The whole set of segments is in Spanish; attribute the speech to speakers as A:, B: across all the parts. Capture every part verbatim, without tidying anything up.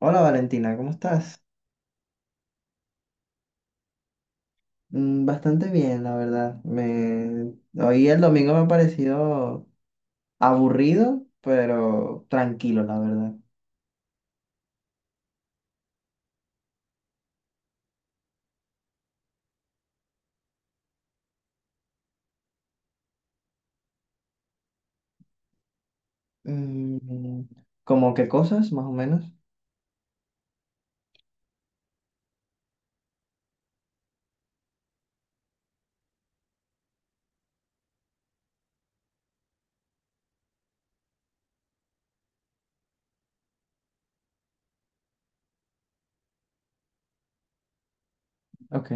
A: Hola Valentina, ¿cómo estás? Mm, Bastante bien, la verdad. Me... Hoy el domingo me ha parecido aburrido, pero tranquilo, la verdad. Mm. ¿Cómo qué cosas, más o menos? Ok.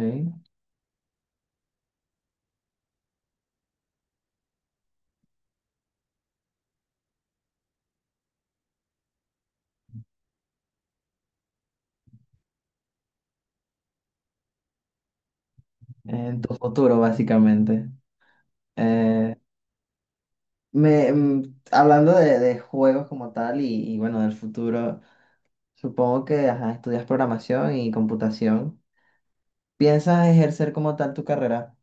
A: En tu futuro, básicamente. Eh, me, mm, Hablando de, de juegos como tal y, y, bueno, del futuro, supongo que ajá, estudias programación y computación. ¿Piensas ejercer como tal tu carrera?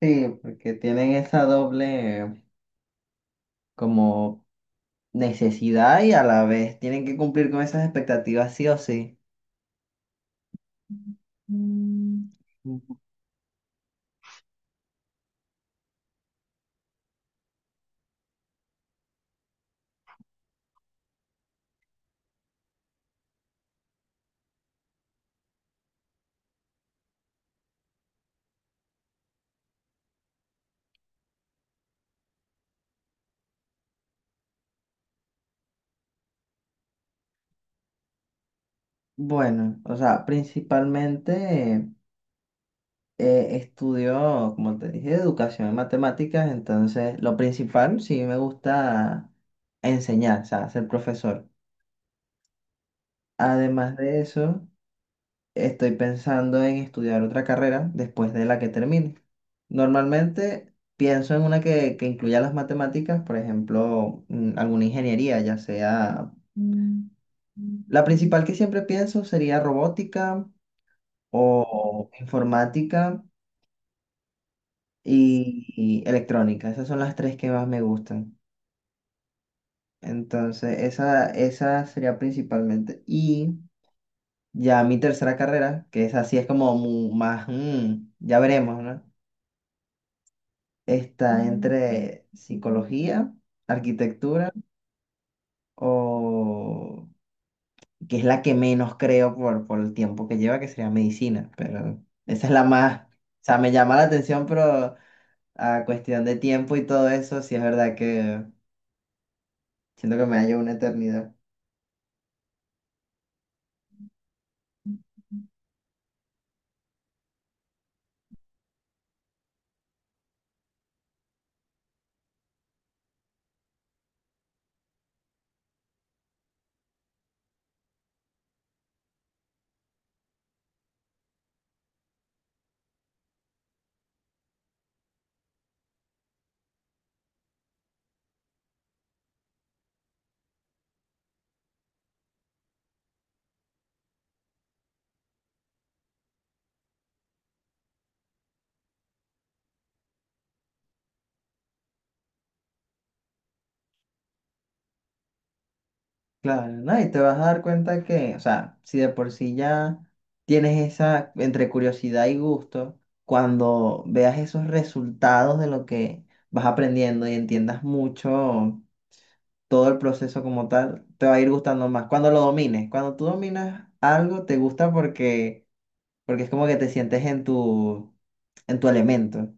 A: Sí, porque tienen esa doble... como necesidad y a la vez tienen que cumplir con esas expectativas sí o sí. Mm. Bueno, o sea, principalmente eh, estudio, como te dije, educación en matemáticas, entonces lo principal sí me gusta enseñar, o sea, ser profesor. Además de eso... Estoy pensando en estudiar otra carrera después de la que termine. Normalmente pienso en una que, que incluya las matemáticas, por ejemplo, mm, alguna ingeniería, ya sea... Mm. La principal que siempre pienso sería robótica o informática y, y electrónica. Esas son las tres que más me gustan. Entonces, esa, esa sería principalmente. Y ya mi tercera carrera, que es así, es como mu- más, mm, ya veremos, ¿no? Está entre psicología, arquitectura o que es la que menos creo por, por el tiempo que lleva, que sería medicina, pero esa es la más, o sea, me llama la atención, pero a cuestión de tiempo y todo eso, sí es verdad que siento que me hallo una eternidad. Claro, ¿no? Y te vas a dar cuenta que, o sea, si de por sí ya tienes esa entre curiosidad y gusto, cuando veas esos resultados de lo que vas aprendiendo y entiendas mucho todo el proceso como tal, te va a ir gustando más. Cuando lo domines, cuando tú dominas algo, te gusta porque, porque es como que te sientes en tu, en tu elemento.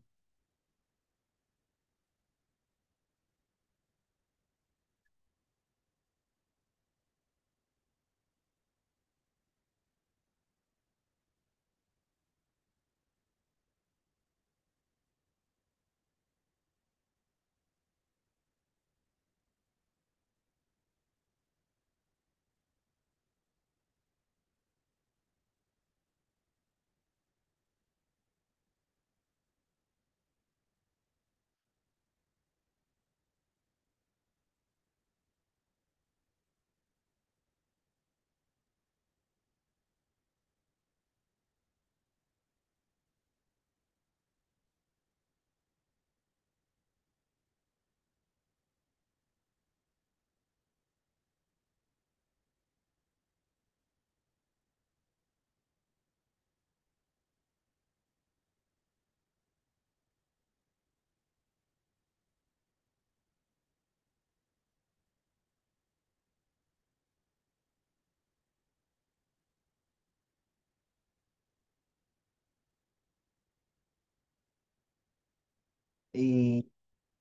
A: ¿Y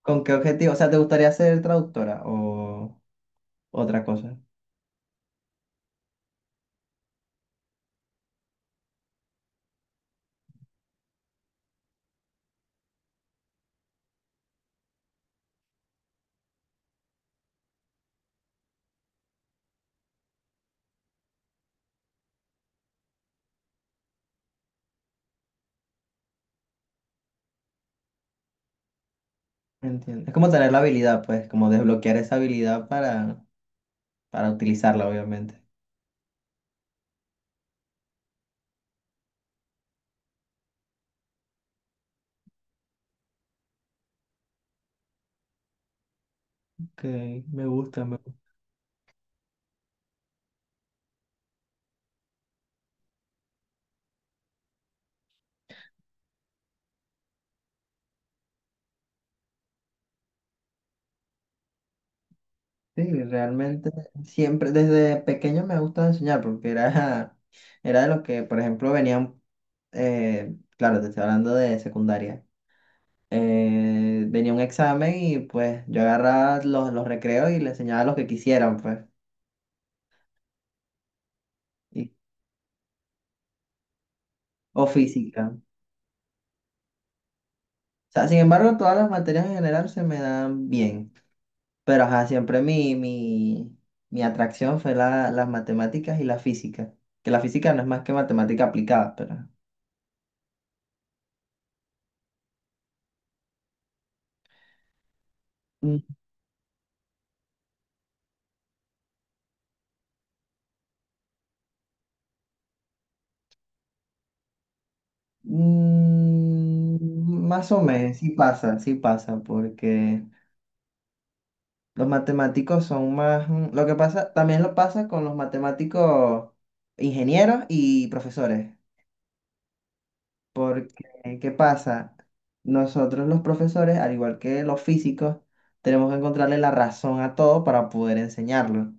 A: con qué objetivo? O sea, ¿te gustaría ser traductora o otra cosa? Entiendo. Es como tener la habilidad, pues, como desbloquear esa habilidad para, para utilizarla, obviamente. Ok, me gusta, me gusta. Sí, realmente siempre, desde pequeño me gusta enseñar porque era, era de los que, por ejemplo, venían eh, claro, te estoy hablando de secundaria. Eh, venía un examen y pues yo agarraba los, los recreos y le enseñaba lo que quisieran, pues. y- o física. O sea, sin embargo, todas las materias en general se me dan bien. Pero ajá, siempre mi, mi, mi atracción fue la, las matemáticas y la física. Que la física no es más que matemática aplicada, pero... Mm, mm, más o menos, sí pasa, sí pasa, porque los matemáticos son más... mm, lo que pasa, también lo pasa con los matemáticos ingenieros y profesores. Porque, ¿qué pasa? Nosotros los profesores, al igual que los físicos, tenemos que encontrarle la razón a todo para poder enseñarlo.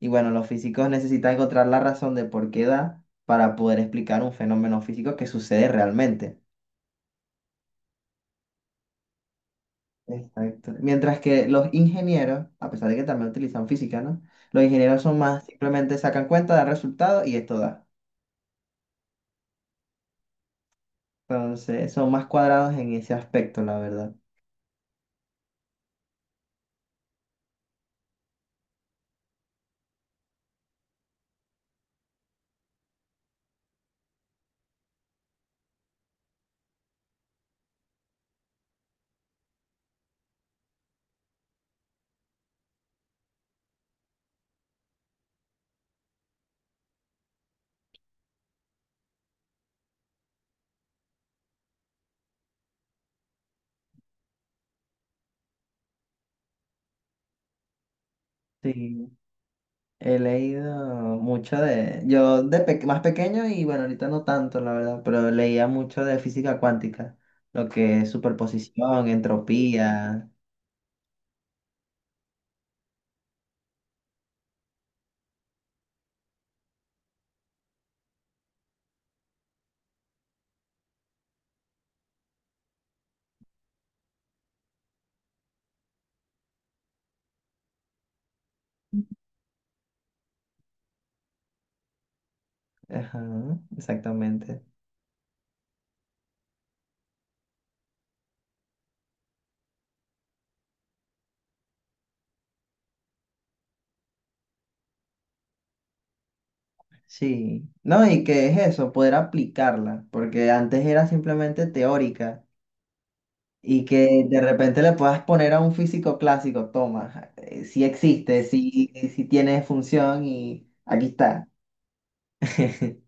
A: Y bueno, los físicos necesitan encontrar la razón de por qué da para poder explicar un fenómeno físico que sucede realmente. Exacto. Mientras que los ingenieros, a pesar de que también utilizan física, ¿no? Los ingenieros son más, simplemente sacan cuenta, dan resultado y esto da. Entonces, son más cuadrados en ese aspecto, la verdad. Sí, he leído mucho de, yo de pe- más pequeño y bueno, ahorita no tanto, la verdad, pero leía mucho de física cuántica, lo que es superposición, entropía. Ajá, exactamente. Sí, no, y que es eso, poder aplicarla, porque antes era simplemente teórica. Y que de repente le puedas poner a un físico clásico, toma, si existe, si tiene función y aquí está.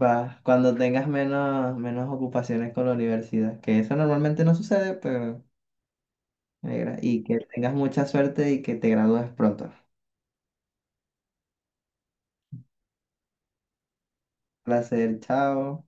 A: Va, cuando tengas menos, menos ocupaciones con la universidad, que eso normalmente no sucede, pero negra, y que tengas mucha suerte y que te gradúes pronto. Placer, chao.